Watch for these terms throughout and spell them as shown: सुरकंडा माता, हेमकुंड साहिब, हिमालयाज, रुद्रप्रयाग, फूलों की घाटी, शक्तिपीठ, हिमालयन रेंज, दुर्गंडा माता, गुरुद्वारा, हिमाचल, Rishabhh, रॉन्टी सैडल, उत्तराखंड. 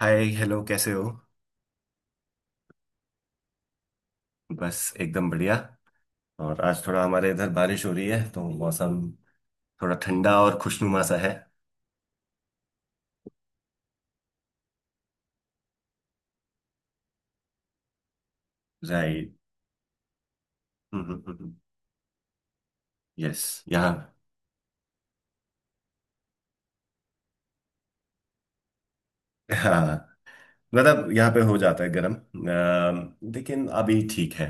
हाय hello, कैसे हो? बस एकदम बढ़िया। और आज थोड़ा हमारे इधर बारिश हो रही है तो मौसम थोड़ा ठंडा और खुशनुमा सा है। राइट। यस। यहाँ हाँ। मतलब यहाँ पे हो जाता है गर्म, लेकिन अभी ठीक है।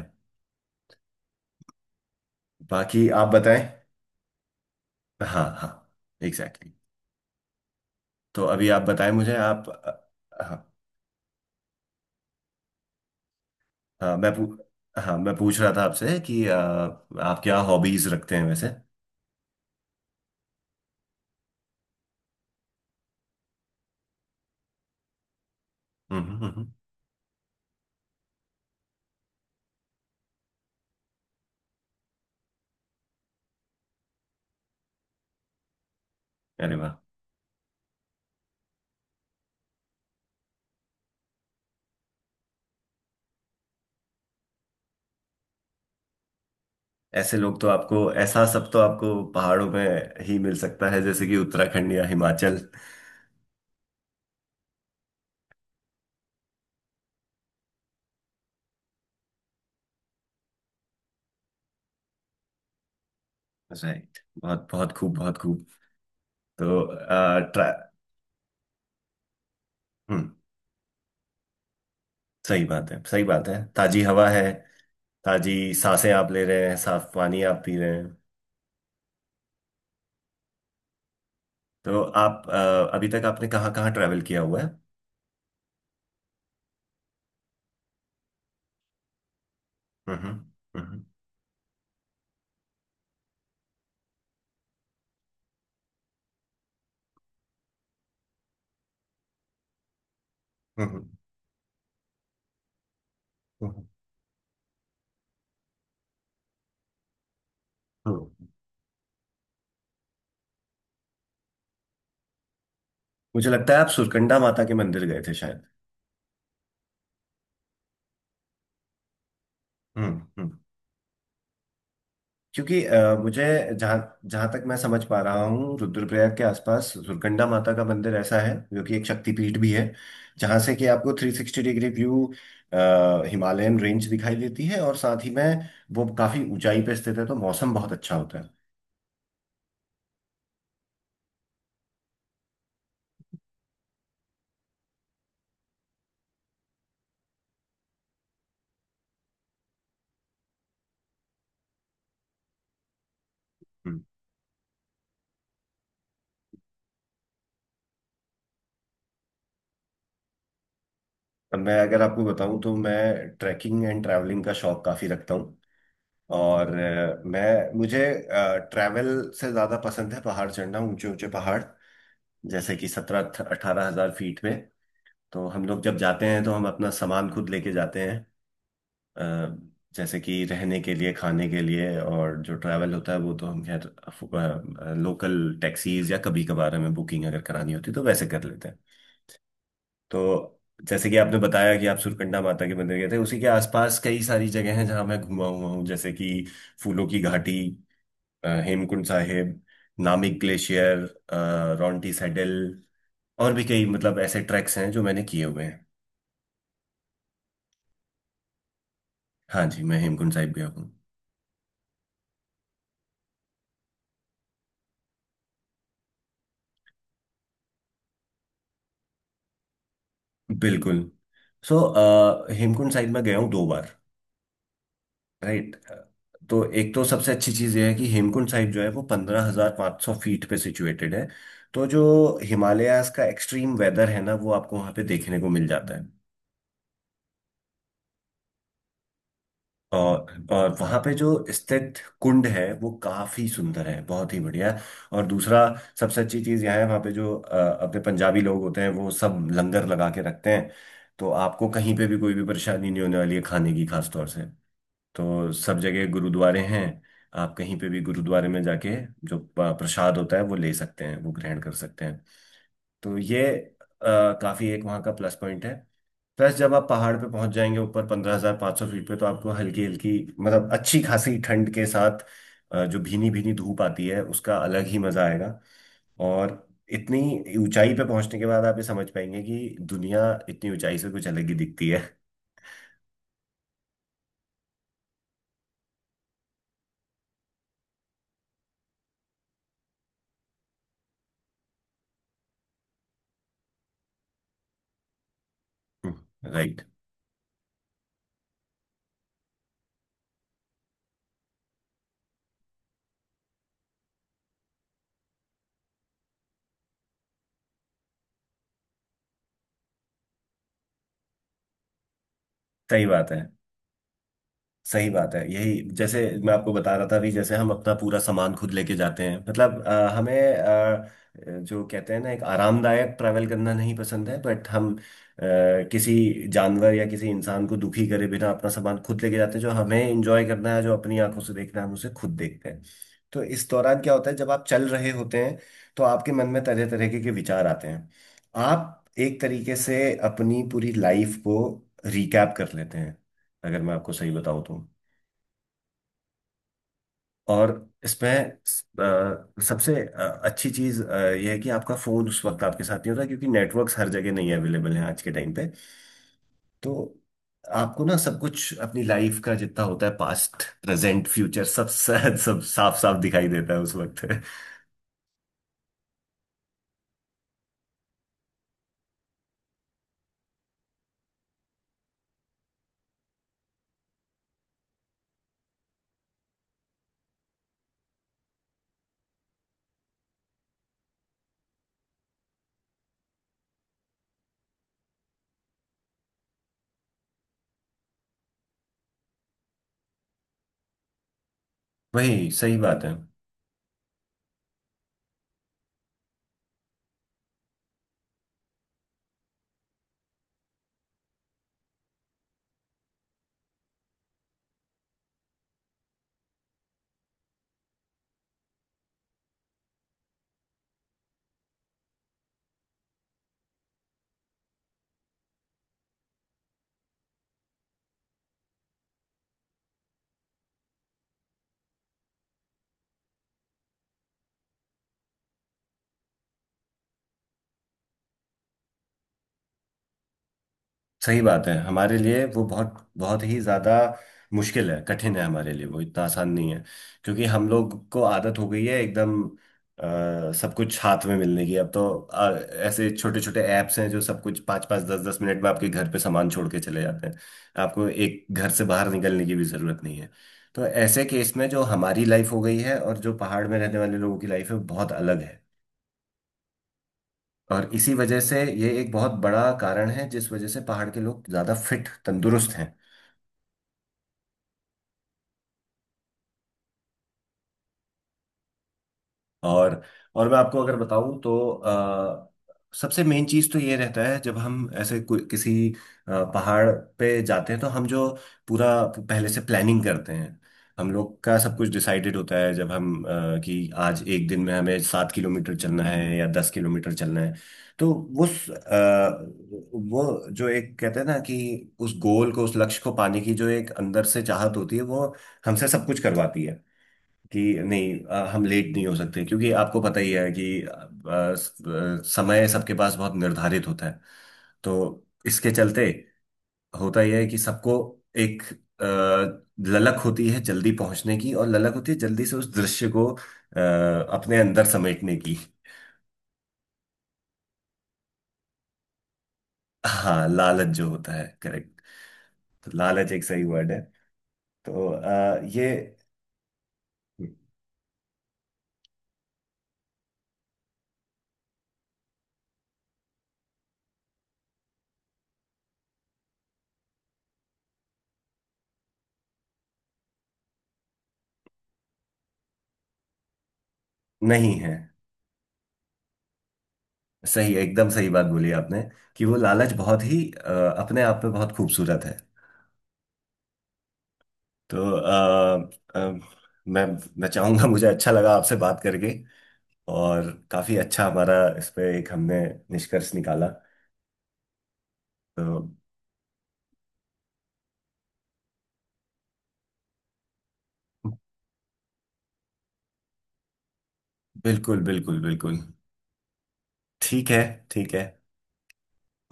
बाकी आप बताएं। हाँ हाँ, एग्जैक्टली exactly। तो अभी आप बताएं मुझे आप हाँ। हाँ मैं पू, हाँ मैं पूछ रहा था आपसे कि आप क्या हॉबीज रखते हैं वैसे? हम्म हम्म, हम्म, हम्म। अरे वाह। ऐसे लोग तो आपको, ऐसा सब तो आपको पहाड़ों में ही मिल सकता है, जैसे कि उत्तराखंड या हिमाचल। राइट, बहुत बहुत खूब, बहुत खूब। तो आ, ट्रा हम्म। सही बात है, सही बात है। ताजी हवा है, ताजी सांसें आप ले रहे हैं, साफ पानी आप पी रहे हैं। तो आप अभी तक आपने कहाँ कहाँ ट्रैवल किया हुआ है? हम्म। हम्म हम्म, हम्म, हम्म। मुझे लगता है आप सुरकंडा माता के मंदिर गए थे शायद। हम्म हम्म। क्योंकि अ, मुझे जहाँ जहाँ तक मैं समझ पा रहा हूँ, रुद्रप्रयाग के आसपास दुर्गंडा माता का मंदिर ऐसा है जो कि एक शक्तिपीठ भी है, जहाँ से कि आपको 360 डिग्री व्यू हिमालयन रेंज दिखाई देती है, और साथ ही में वो काफी ऊंचाई पे स्थित है तो मौसम बहुत अच्छा होता है। हम्म। अब मैं अगर आपको बताऊं तो मैं ट्रैकिंग एंड ट्रैवलिंग का शौक काफी रखता हूँ। और अ, मैं मुझे ट्रैवल से ज्यादा पसंद है पहाड़ चढ़ना, ऊंचे ऊंचे पहाड़, जैसे कि 17-18 हजार फीट में। तो हम लोग जब जाते हैं तो हम अपना सामान खुद लेके जाते हैं, अ, जैसे कि रहने के लिए, खाने के लिए। और जो ट्रैवल होता है वो तो हम खैर लोकल टैक्सीज या कभी कभार हमें बुकिंग अगर करानी होती है तो वैसे कर लेते हैं। तो जैसे कि आपने बताया कि आप सुरकंडा माता के मंदिर गए थे, उसी के आसपास कई सारी जगह हैं जहां मैं घूमा हुआ हूँ, जैसे कि फूलों की घाटी, हेमकुंड साहिब, नामिक ग्लेशियर, रॉन्टी सैडल, और भी कई, मतलब ऐसे ट्रैक्स हैं जो मैंने किए हुए हैं। हाँ जी, मैं हेमकुंड साहिब गया हूँ। बिल्कुल। हेमकुंड साहिब में गया हूँ दो बार। राइट। तो एक तो सबसे अच्छी चीज़ यह है कि हेमकुंड साहिब जो है वो 15,500 फीट पे सिचुएटेड है। तो जो हिमालयाज का एक्सट्रीम वेदर है ना, वो आपको वहाँ पे देखने को मिल जाता है। और वहाँ पे जो स्थित कुंड है वो काफी सुंदर है, बहुत ही बढ़िया है। और दूसरा सबसे अच्छी चीज़ यह है, वहाँ पे जो अपने पंजाबी लोग होते हैं वो सब लंगर लगा के रखते हैं। तो आपको कहीं पे भी कोई भी परेशानी नहीं होने वाली है खाने की, खास तौर से। तो सब जगह गुरुद्वारे हैं। आप कहीं पे भी गुरुद्वारे में जाके जो प्रसाद होता है वो ले सकते हैं, वो ग्रहण कर सकते हैं। तो ये काफी एक वहाँ का प्लस पॉइंट है। प्लस जब आप पहाड़ पे पहुंच जाएंगे ऊपर 15,500 फीट पे, तो आपको हल्की हल्की, मतलब अच्छी खासी ठंड के साथ जो भीनी भीनी धूप आती है, उसका अलग ही मजा आएगा। और इतनी ऊंचाई पे पहुंचने के बाद आप ये समझ पाएंगे कि दुनिया इतनी ऊंचाई से कुछ अलग ही दिखती है। राइट। सही बात है, सही बात है। यही जैसे मैं आपको बता रहा था अभी, जैसे हम अपना पूरा सामान खुद लेके जाते हैं, मतलब जो कहते हैं ना, एक आरामदायक ट्रैवल करना नहीं पसंद है, बट हम किसी जानवर या किसी इंसान को दुखी करे बिना अपना सामान खुद लेके जाते हैं। जो हमें एंजॉय करना है, जो अपनी आंखों से देखना है, हम उसे खुद देखते हैं। तो इस दौरान क्या होता है, जब आप चल रहे होते हैं तो आपके मन में तरह तरह के विचार आते हैं। आप एक तरीके से अपनी पूरी लाइफ को रिकैप कर लेते हैं, अगर मैं आपको सही बताऊं तो। और इसमें सबसे अच्छी चीज यह है कि आपका फोन उस वक्त आपके साथ नहीं होता, क्योंकि नेटवर्क्स हर जगह नहीं अवेलेबल हैं आज के टाइम पे। तो आपको ना सब कुछ अपनी लाइफ का जितना होता है, पास्ट प्रेजेंट फ्यूचर, सब सब साफ साफ दिखाई देता है उस वक्त। वही सही बात है, सही बात है। हमारे लिए वो बहुत बहुत ही ज़्यादा मुश्किल है, कठिन है, हमारे लिए वो इतना आसान नहीं है। क्योंकि हम लोग को आदत हो गई है एकदम सब कुछ हाथ में मिलने की। अब तो ऐसे छोटे छोटे ऐप्स हैं जो सब कुछ पाँच पाँच दस दस मिनट में आपके घर पे सामान छोड़ के चले जाते हैं। आपको एक घर से बाहर निकलने की भी ज़रूरत नहीं है। तो ऐसे केस में जो हमारी लाइफ हो गई है और जो पहाड़ में रहने वाले लोगों की लाइफ है, वो बहुत अलग है। और इसी वजह से ये एक बहुत बड़ा कारण है, जिस वजह से पहाड़ के लोग ज़्यादा फिट तंदुरुस्त हैं। और और मैं आपको अगर बताऊं तो सबसे मेन चीज तो ये रहता है जब हम ऐसे किसी पहाड़ पे जाते हैं, तो हम जो पूरा पहले से प्लानिंग करते हैं। हम लोग का सब कुछ डिसाइडेड होता है, कि आज एक दिन में हमें 7 किलोमीटर चलना है या 10 किलोमीटर चलना है। तो उस अ, वो जो एक कहते हैं ना, कि उस गोल को, उस लक्ष्य को पाने की जो एक अंदर से चाहत होती है, वो हमसे सब कुछ करवाती है। कि नहीं, हम लेट नहीं हो सकते क्योंकि आपको पता ही है कि समय सबके पास बहुत निर्धारित होता है। तो इसके चलते होता यह है कि सबको एक अ, ललक होती है जल्दी पहुंचने की, और ललक होती है जल्दी से उस दृश्य को अपने अंदर समेटने की। हाँ, लालच जो होता है, करेक्ट। तो लालच एक सही वर्ड है। तो ये नहीं है। सही, एकदम सही बात बोली आपने, कि वो लालच बहुत ही अपने आप में बहुत खूबसूरत है। तो अ, मैं मैं चाहूंगा, मुझे अच्छा लगा आपसे बात करके। और काफी अच्छा हमारा इस पे एक, हमने निष्कर्ष निकाला। तो बिल्कुल बिल्कुल बिल्कुल। ठीक है। ठीक है।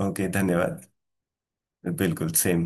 ओके, धन्यवाद। बिल्कुल सेम।